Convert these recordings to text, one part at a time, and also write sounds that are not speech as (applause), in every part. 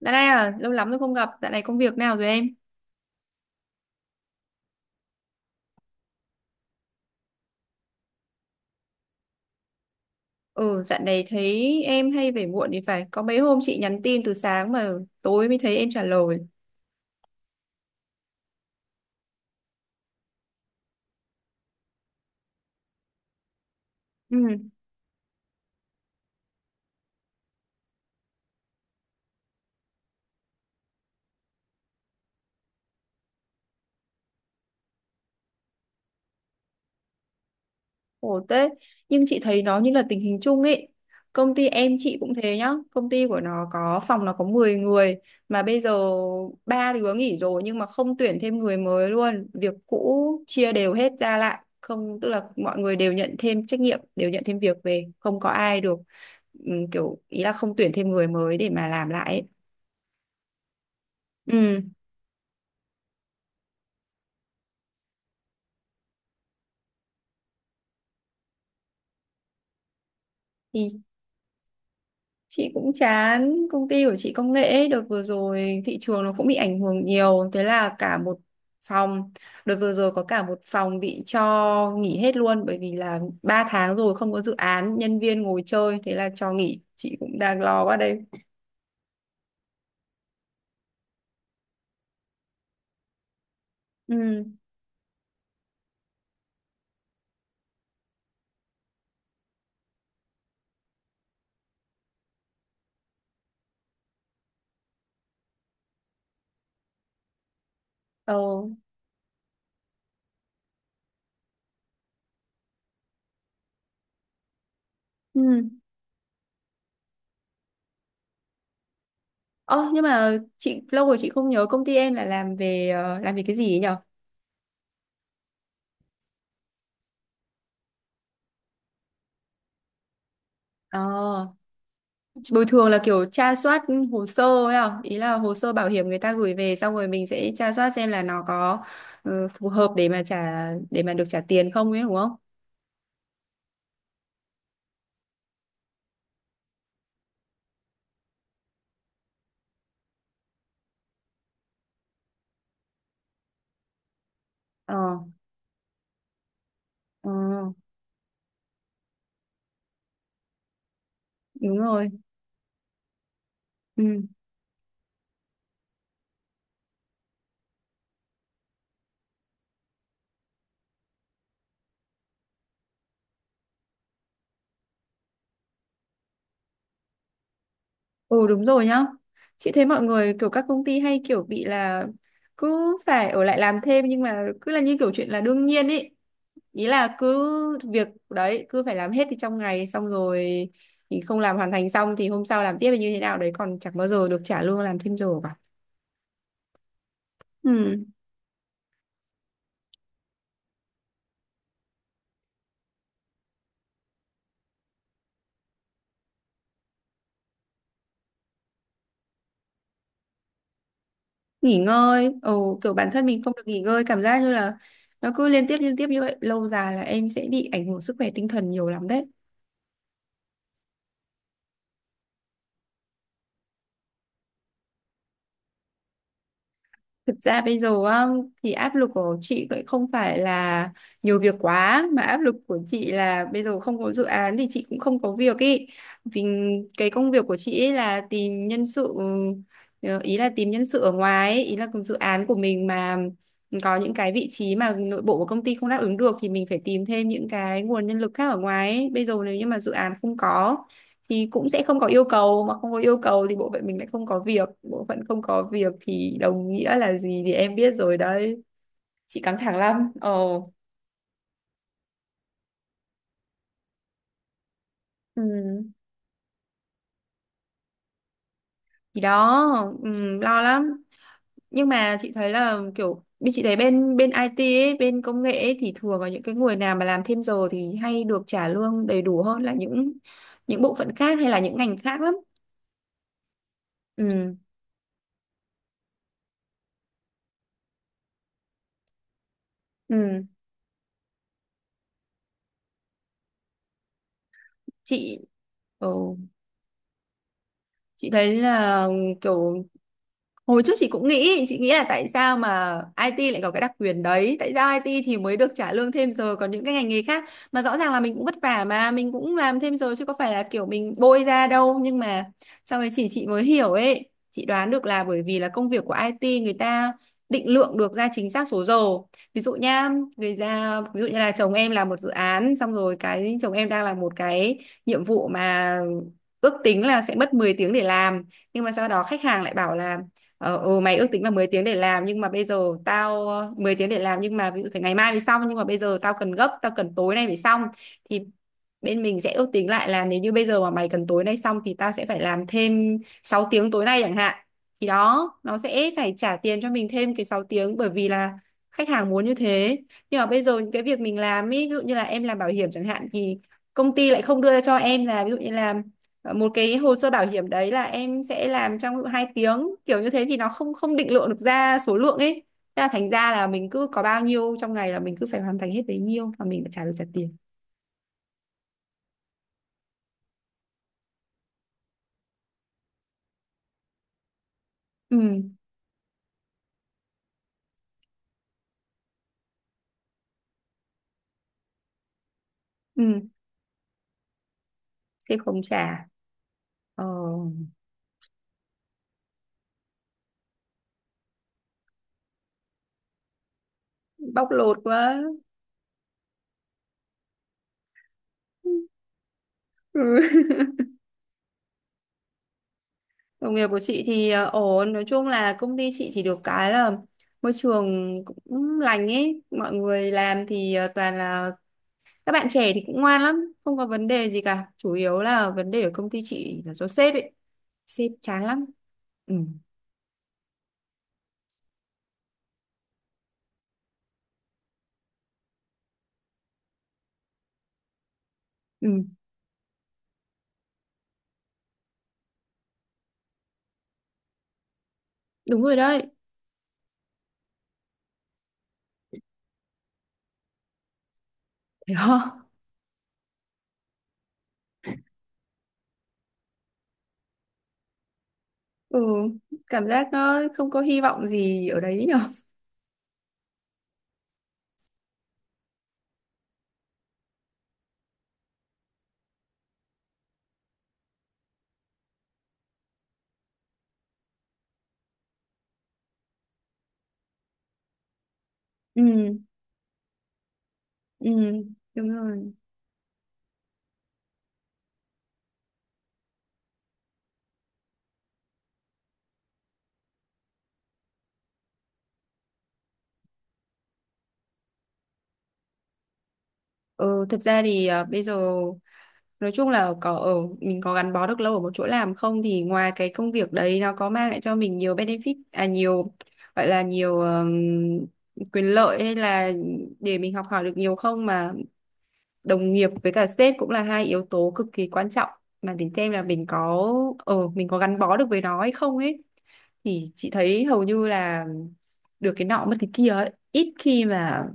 Dạo này à, lâu lắm rồi không gặp, dạo này công việc nào rồi em? Ừ, dạo này thấy em hay về muộn thì phải, có mấy hôm chị nhắn tin từ sáng mà tối mới thấy em trả lời. Ừ. Khổ thế, nhưng chị thấy nó như là tình hình chung ấy. Công ty em chị cũng thế nhá, công ty của nó có phòng nó có 10 người mà bây giờ ba đứa nghỉ rồi nhưng mà không tuyển thêm người mới luôn, việc cũ chia đều hết ra lại, không tức là mọi người đều nhận thêm trách nhiệm, đều nhận thêm việc về, không có ai được kiểu ý là không tuyển thêm người mới để mà làm lại ấy. Ừ. Thì chị cũng chán, công ty của chị công nghệ ấy, đợt vừa rồi thị trường nó cũng bị ảnh hưởng nhiều, thế là cả một phòng, đợt vừa rồi có cả một phòng bị cho nghỉ hết luôn bởi vì là 3 tháng rồi không có dự án, nhân viên ngồi chơi, thế là cho nghỉ, chị cũng đang lo quá đây. Ừ. Ờ. Ừ. Ơ, nhưng mà chị lâu rồi chị không nhớ công ty em là làm về làm về cái gì ấy nhở? Ờ. Bồi thường là kiểu tra soát hồ sơ ấy à? Ý là hồ sơ bảo hiểm người ta gửi về xong rồi mình sẽ tra soát xem là nó có phù hợp để mà được trả tiền không ấy đúng không? Ờ, ờ, đúng rồi. Ừ. Ừ, đúng rồi nhá. Chị thấy mọi người kiểu các công ty hay kiểu bị là cứ phải ở lại làm thêm nhưng mà cứ là như kiểu chuyện là đương nhiên ấy. Ý là cứ việc đấy cứ phải làm hết thì trong ngày xong rồi thì không làm hoàn thành xong thì hôm sau làm tiếp hay như thế nào đấy còn chẳng bao giờ được trả lương làm thêm giờ cả. Ừ, nghỉ ngơi, ừ, kiểu bản thân mình không được nghỉ ngơi, cảm giác như là nó cứ liên tiếp như vậy, lâu dài là em sẽ bị ảnh hưởng sức khỏe tinh thần nhiều lắm đấy. Thực ra bây giờ á, thì áp lực của chị cũng không phải là nhiều việc quá, mà áp lực của chị là bây giờ không có dự án thì chị cũng không có việc ý. Vì cái công việc của chị ấy là tìm nhân sự, ý là tìm nhân sự ở ngoài ấy. Ý là dự án của mình mà có những cái vị trí mà nội bộ của công ty không đáp ứng được thì mình phải tìm thêm những cái nguồn nhân lực khác ở ngoài ấy. Bây giờ nếu như mà dự án không có thì cũng sẽ không có yêu cầu, mà không có yêu cầu thì bộ phận mình lại không có việc, bộ phận không có việc thì đồng nghĩa là gì thì em biết rồi đấy, chị căng thẳng lắm. Ồ. Ừ. Thì đó. Ừ, lo lắm, nhưng mà chị thấy là kiểu bên chị thấy bên bên IT ấy, bên công nghệ ấy, thì thường là những cái người nào mà làm thêm giờ thì hay được trả lương đầy đủ hơn là những bộ phận khác hay là những ngành khác lắm. Ừ. Ừ. chị ồ chị thấy là kiểu hồi trước chị cũng nghĩ, chị nghĩ là tại sao mà IT lại có cái đặc quyền đấy, tại sao IT thì mới được trả lương thêm giờ còn những cái ngành nghề khác mà rõ ràng là mình cũng vất vả mà mình cũng làm thêm giờ chứ có phải là kiểu mình bôi ra đâu, nhưng mà sau đấy chị mới hiểu ấy, chị đoán được là bởi vì là công việc của IT người ta định lượng được ra chính xác số giờ. Ví dụ nha, người ra ví dụ như là chồng em làm một dự án, xong rồi cái chồng em đang làm một cái nhiệm vụ mà ước tính là sẽ mất 10 tiếng để làm, nhưng mà sau đó khách hàng lại bảo là ừ, mày ước tính là 10 tiếng để làm nhưng mà bây giờ tao mười tiếng để làm nhưng mà ví dụ phải ngày mai mới xong nhưng mà bây giờ tao cần gấp, tao cần tối nay phải xong, thì bên mình sẽ ước tính lại là nếu như bây giờ mà mày cần tối nay xong thì tao sẽ phải làm thêm 6 tiếng tối nay chẳng hạn, thì đó nó sẽ phải trả tiền cho mình thêm cái 6 tiếng bởi vì là khách hàng muốn như thế. Nhưng mà bây giờ những cái việc mình làm ý, ví dụ như là em làm bảo hiểm chẳng hạn thì công ty lại không đưa cho em là, ví dụ như là một cái hồ sơ bảo hiểm đấy là em sẽ làm trong 2 tiếng, kiểu như thế thì nó không không định lượng được ra số lượng ấy. Thế là thành ra là mình cứ có bao nhiêu trong ngày là mình cứ phải hoàn thành hết bấy nhiêu, và mình phải được trả tiền. Ừ. Ừ. Thế không trả. ờ, Bóc lột quá. Ừ. (laughs) Đồng nghiệp của chị thì ổn, nói chung là công ty chị thì được cái là môi trường cũng lành ấy, mọi người làm thì toàn là các bạn trẻ thì cũng ngoan lắm, không có vấn đề gì cả. Chủ yếu là vấn đề ở công ty chị là do sếp ấy. Sếp chán lắm. Ừ, ừ, đúng rồi đấy. Thấy không? (laughs) Ừ, cảm giác nó không có hy vọng gì ở đấy nhở. (laughs) Ừ, ừ, đúng rồi. Ừ, thật ra thì à, bây giờ nói chung là có ở mình có gắn bó được lâu ở một chỗ làm không thì ngoài cái công việc đấy nó có mang lại cho mình nhiều benefit à, nhiều gọi là nhiều quyền lợi hay là để mình học hỏi được nhiều không, mà đồng nghiệp với cả sếp cũng là hai yếu tố cực kỳ quan trọng mà để xem là mình có gắn bó được với nó hay không ấy, thì chị thấy hầu như là được cái nọ mất cái kia ấy, ít khi mà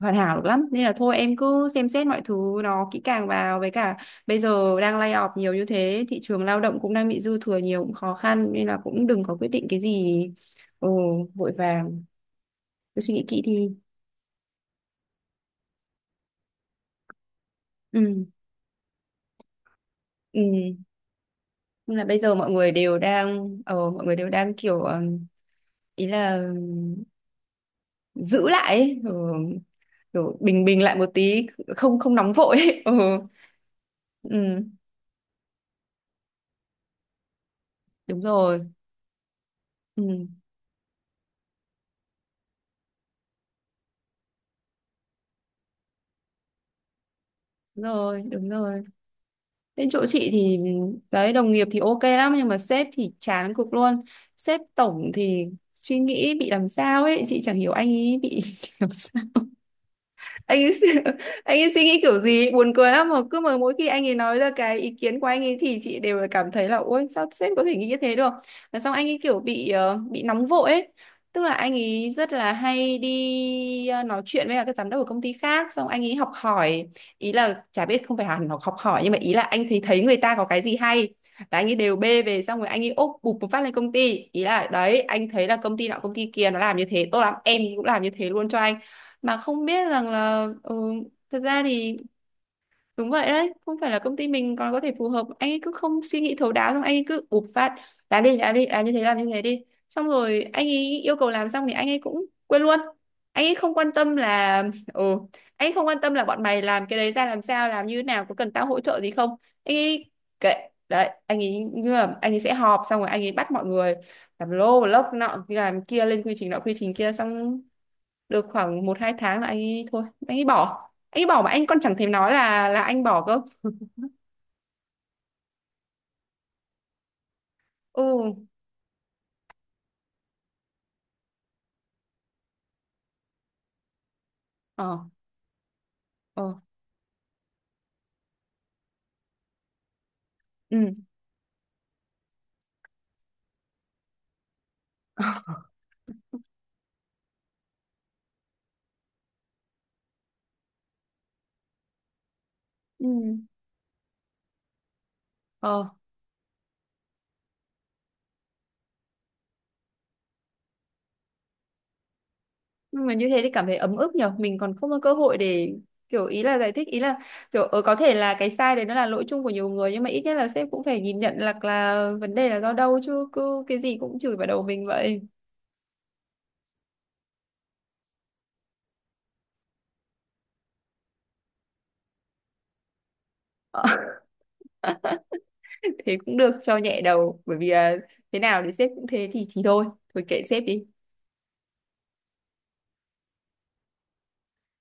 hoàn hảo được lắm nên là thôi em cứ xem xét mọi thứ nó kỹ càng vào, với cả bây giờ đang lay off nhiều như thế, thị trường lao động cũng đang bị dư thừa nhiều cũng khó khăn nên là cũng đừng có quyết định cái gì ồ vội vàng, cứ suy nghĩ kỹ đi. Ừ. Ừ. Nhưng là bây giờ mọi người đều đang ờ, mọi người đều đang kiểu ý là giữ lại ấy, kiểu bình bình lại một tí, không không nóng vội (laughs) ấy. Ờ. Ừ, đúng rồi. Ừ, đúng rồi, đúng rồi. Đến chỗ chị thì đấy, đồng nghiệp thì ok lắm nhưng mà sếp thì chán cực luôn. Sếp tổng thì suy nghĩ bị làm sao ấy, chị chẳng hiểu anh ấy bị (laughs) làm sao. anh ấy suy- (laughs) anh ấy suy nghĩ kiểu gì ấy, buồn cười lắm, mà cứ mà mỗi khi anh ấy nói ra cái ý kiến của anh ấy thì chị đều là cảm thấy là ôi sao sếp có thể nghĩ như thế được, và xong anh ấy kiểu bị nóng vội ấy, tức là anh ấy rất là hay đi nói chuyện với cả các giám đốc của công ty khác xong anh ấy học hỏi, ý là chả biết không phải hẳn học học hỏi nhưng mà ý là anh thấy thấy người ta có cái gì hay là anh ấy đều bê về xong rồi anh ấy úp bụp một phát lên công ty, ý là đấy anh thấy là công ty nọ công ty kia nó làm như thế tốt lắm, em cũng làm như thế luôn cho anh mà không biết rằng là thật ra thì... Đúng vậy đấy, không phải là công ty mình còn có thể phù hợp. Anh ấy cứ không suy nghĩ thấu đáo, xong anh ấy cứ ụp phạt. Làm đi, làm đi, làm như thế đi. Xong rồi anh ấy yêu cầu làm xong thì anh ấy cũng quên luôn. Anh ấy không quan tâm là... Ừ, anh ấy không quan tâm là bọn mày làm cái đấy ra làm sao, làm như thế nào, có cần tao hỗ trợ gì không. Anh ấy kệ. Đấy, anh ấy như là anh ấy sẽ họp xong rồi anh ấy bắt mọi người làm lô, lốc, nọ, làm kia, lên quy trình nọ, quy trình kia. Xong được khoảng một hai tháng là anh ấy thôi, anh ấy bỏ, anh bỏ mà anh còn chẳng thèm nói là anh bỏ cơ. Ừ. Ờ. Ờ. Ừ. Ừ. ờ nhưng mà như thế thì cảm thấy ấm ức nhở, mình còn không có cơ hội để kiểu ý là giải thích, ý là kiểu có thể là cái sai đấy nó là lỗi chung của nhiều người nhưng mà ít nhất là sếp cũng phải nhìn nhận là vấn đề là do đâu, chứ cứ cái gì cũng chửi vào đầu mình vậy. (laughs) Thế cũng được cho nhẹ đầu, bởi vì thế nào thì sếp cũng thế thì thôi, thôi kệ sếp đi.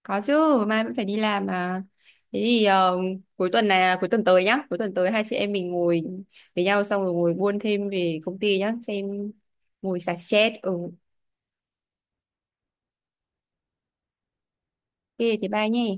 Có chứ, mai vẫn phải đi làm mà. Thế thì cuối tuần này, là cuối tuần tới nhá, cuối tuần tới hai chị em mình ngồi với nhau xong rồi ngồi buôn thêm về công ty nhá, xem ngồi xả stress. Ừ, ok, thế bye nhé.